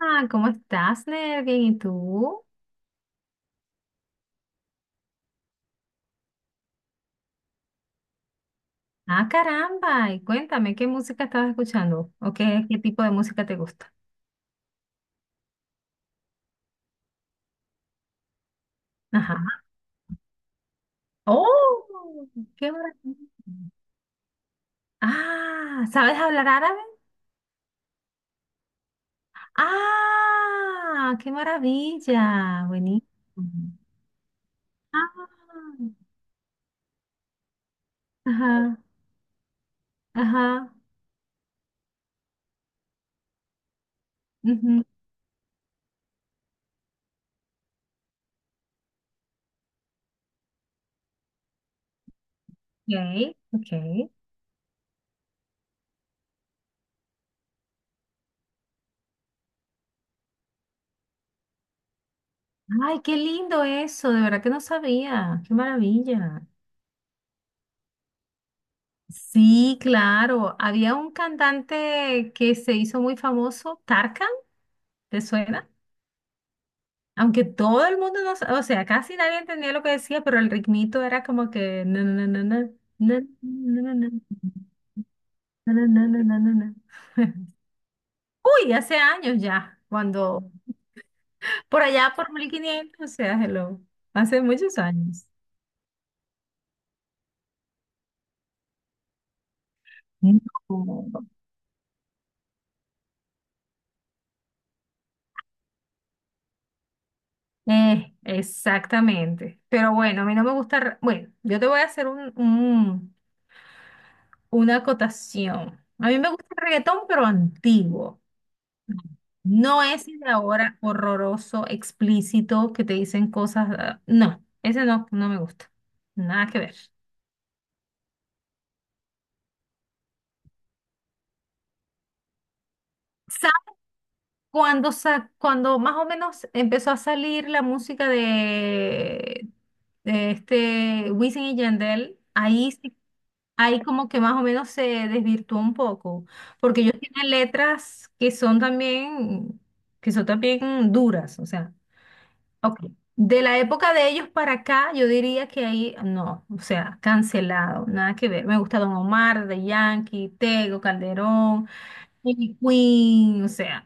Ah, ¿cómo estás, Ner? Bien, ¿y tú? Ah, caramba, y cuéntame, ¿qué música estabas escuchando? ¿O qué tipo de música te gusta? Ajá. ¡Oh! ¡Qué maravilla! Ah, ¿sabes hablar árabe? ¡Ah! ¡Qué maravilla! Buenísimo. Ah, ajá, ajá. Ujú. Ok, ok. Ay, qué lindo eso, de verdad que no sabía. ¡Qué maravilla! Sí, claro. Había un cantante que se hizo muy famoso, Tarkan, ¿te suena? Aunque todo el mundo no, o sea, casi nadie entendía lo que decía, pero el ritmito era como que na, na, na, na, na, na, na, na, na, na, na, na, na, na. Uy, hace años ya, cuando por allá por 1500, o sea, hello, hace muchos años. No. Exactamente. Pero bueno, a mí no me gusta. Bueno, yo te voy a hacer una acotación. A mí me gusta el reggaetón, pero antiguo. No ese de ahora horroroso, explícito, que te dicen cosas. No, ese no, no me gusta. Nada que ver. Sa- cuando más o menos empezó a salir la música de este Wisin y Yandel, ahí como que más o menos se desvirtuó un poco, porque ellos tienen letras que son también duras, o sea. Ok. De la época de ellos para acá, yo diría que ahí no, o sea, cancelado, nada que ver. Me gusta Don Omar, The Yankee, Tego, Calderón, Ivy Queen, o sea,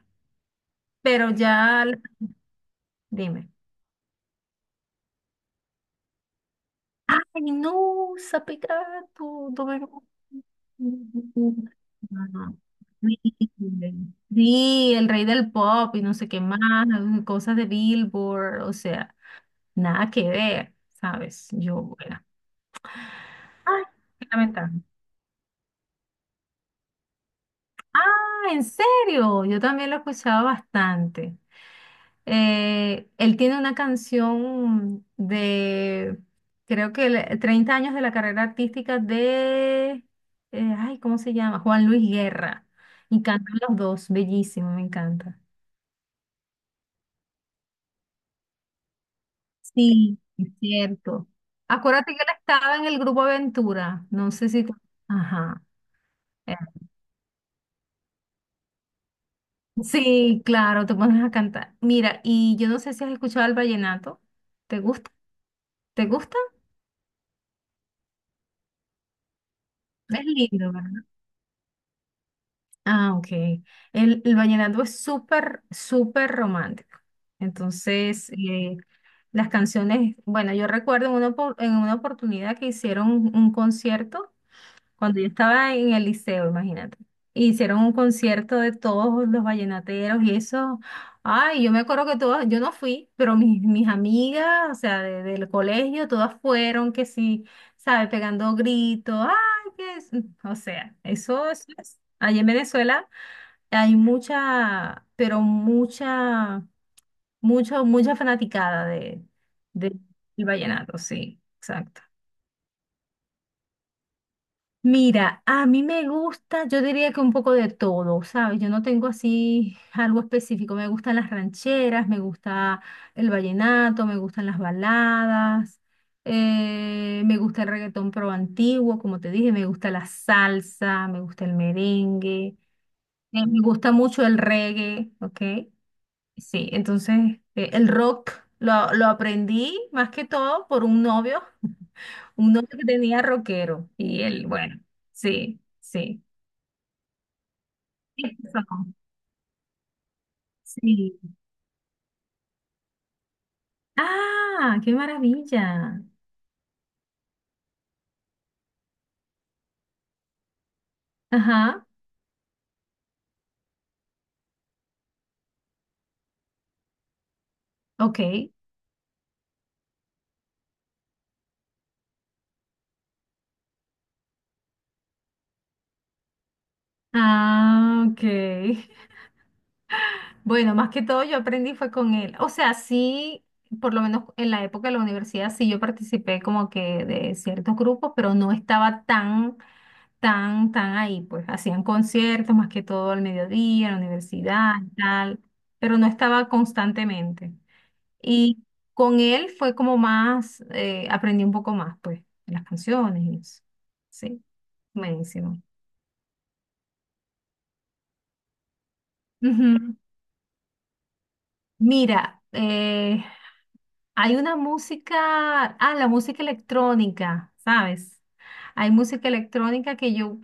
pero ya, dime. Ay, no, Sapicato, Domingo. Ajá. Sí, el rey del pop y no sé qué más, cosas de Billboard, o sea, nada que ver, ¿sabes? Yo, bueno. Ay, qué lamentable. Ah, ¿en serio? Yo también lo escuchaba bastante. Él tiene una canción de, creo que 30 años de la carrera artística de, ay, ¿cómo se llama? Juan Luis Guerra. Y cantan los dos, bellísimo, me encanta. Sí, es cierto. Acuérdate que él estaba en el grupo Aventura, no sé si... Ajá. Eh, Sí, claro, te pones a cantar. Mira, y yo no sé si has escuchado el vallenato. ¿Te gusta? ¿Te gusta? Es lindo, ¿verdad? Ah, ok. El vallenato es súper, súper romántico. Entonces, las canciones, bueno, yo recuerdo en una oportunidad que hicieron un concierto. Cuando yo estaba en el liceo, imagínate. Hicieron un concierto de todos los vallenateros y eso. Ay, yo me acuerdo que todas, yo no fui, pero mis amigas, o sea, del colegio, todas fueron que sí, ¿sabes? Pegando gritos. Ay, que es. O sea, eso es. Allí en Venezuela hay mucha, pero mucha, mucho, mucha fanaticada de, del vallenato, sí, exacto. Mira, a mí me gusta, yo diría que un poco de todo, ¿sabes? Yo no tengo así algo específico. Me gustan las rancheras, me gusta el vallenato, me gustan las baladas, me gusta el reggaetón pro antiguo, como te dije, me gusta la salsa, me gusta el merengue, me gusta mucho el reggae, ¿ok? Sí, entonces el rock lo aprendí más que todo por un novio que tenía rockero y él, bueno, sí. Sí. Eso, sí. Ah, qué maravilla. Ajá, ok. Ah, ok. Bueno, más que todo yo aprendí fue con él. O sea, sí, por lo menos en la época de la universidad, sí yo participé como que de ciertos grupos, pero no estaba tan, tan, tan ahí. Pues hacían conciertos más que todo al mediodía, en la universidad y tal, pero no estaba constantemente. Y con él fue como más, aprendí un poco más, pues, de las canciones y eso. Sí, buenísimo. Ujú. Mira, hay una música, la música electrónica, ¿sabes? Hay música electrónica que yo,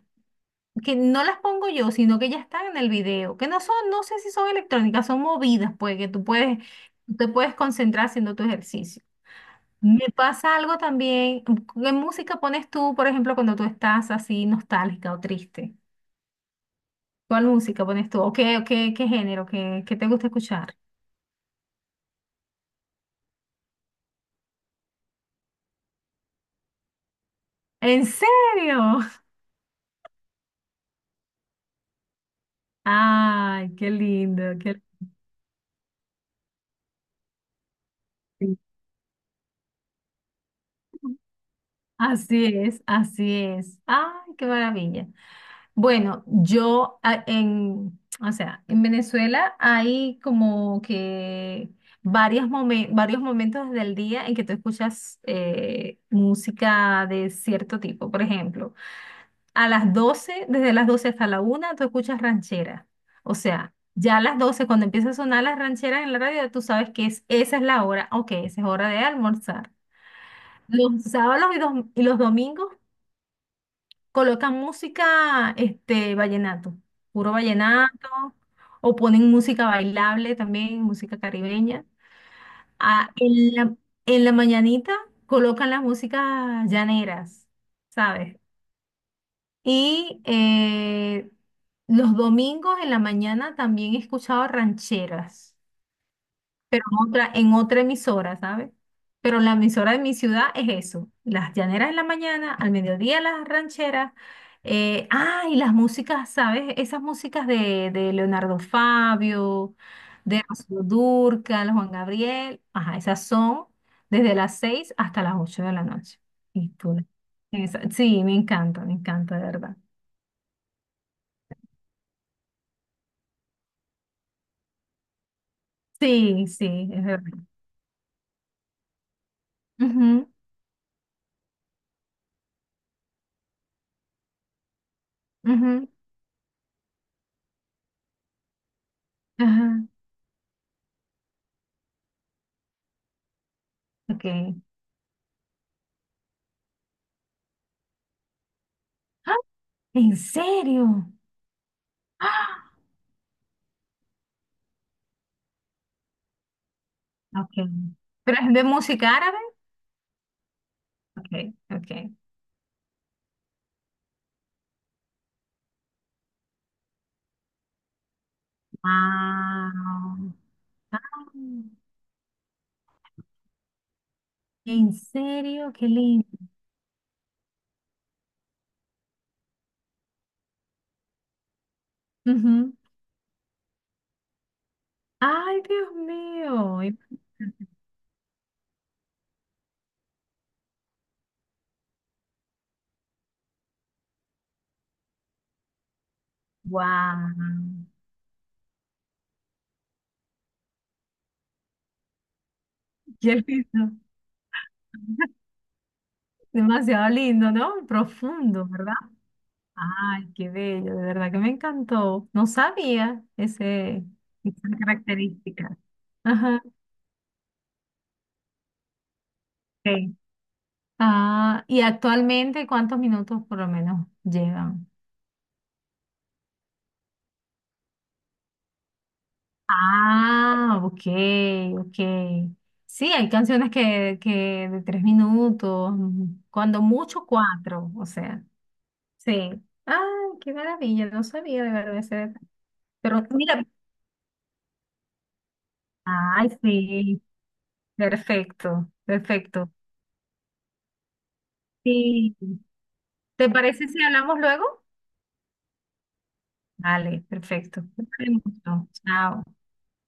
que no las pongo yo, sino que ya están en el video, que no son, no sé si son electrónicas, son movidas, pues, que tú te puedes concentrar haciendo tu ejercicio. Me pasa algo también. ¿Qué música pones tú, por ejemplo, cuando tú estás así nostálgica o triste? ¿Cuál música pones tú? ¿Qué género? ¿Qué te gusta escuchar? ¿En serio? Ay, qué lindo, qué lindo. Así es, así es. Ay, qué maravilla. Bueno, o sea, en Venezuela hay como que varios momentos del día en que tú escuchas música de cierto tipo. Por ejemplo, a las 12, desde las 12 hasta la una, tú escuchas ranchera. O sea, ya a las doce cuando empieza a sonar las rancheras en la radio, tú sabes que es, esa es la hora, ok, esa es hora de almorzar. Los sábados y los domingos colocan música, este, vallenato, puro vallenato, o ponen música bailable también, música caribeña. Ah, en la mañanita colocan las músicas llaneras, ¿sabes? Y los domingos en la mañana también he escuchado rancheras pero en otra emisora, ¿sabes? Pero la emisora de mi ciudad es eso, las llaneras en la mañana, al mediodía las rancheras, y las músicas, ¿sabes? Esas músicas de Leonardo Fabio, de Rocío Dúrcal, Juan Gabriel, ajá, esas son desde las 6 hasta las 8 de la noche. Y tú la- sí, me encanta, de verdad. Sí, sí, es verdad. Ujú, ujú, ajá, ok. ¡Ah! ¿En serio? Ah, okay. ¿Pero es de música árabe? Okay, okay. Wow. Ah, ¿en serio? Qué lindo. Ujú. Ay, Dios mío. Wow. Qué lindo. Demasiado lindo, ¿no? Y profundo, ¿verdad? Ay, qué bello, de verdad que me encantó. No sabía ese, esas características. Ajá. Ok. Ah, y actualmente, ¿cuántos minutos por lo menos llevan? Ah, ok, ok. Sí, hay canciones que de 3 minutos, cuando mucho cuatro, o sea, sí. Ay, qué maravilla, no sabía de verdad ese detalle. Pero mira, ay, sí, perfecto, perfecto. Sí. ¿Te parece si hablamos luego? Vale, perfecto. Te quiero mucho. Chao.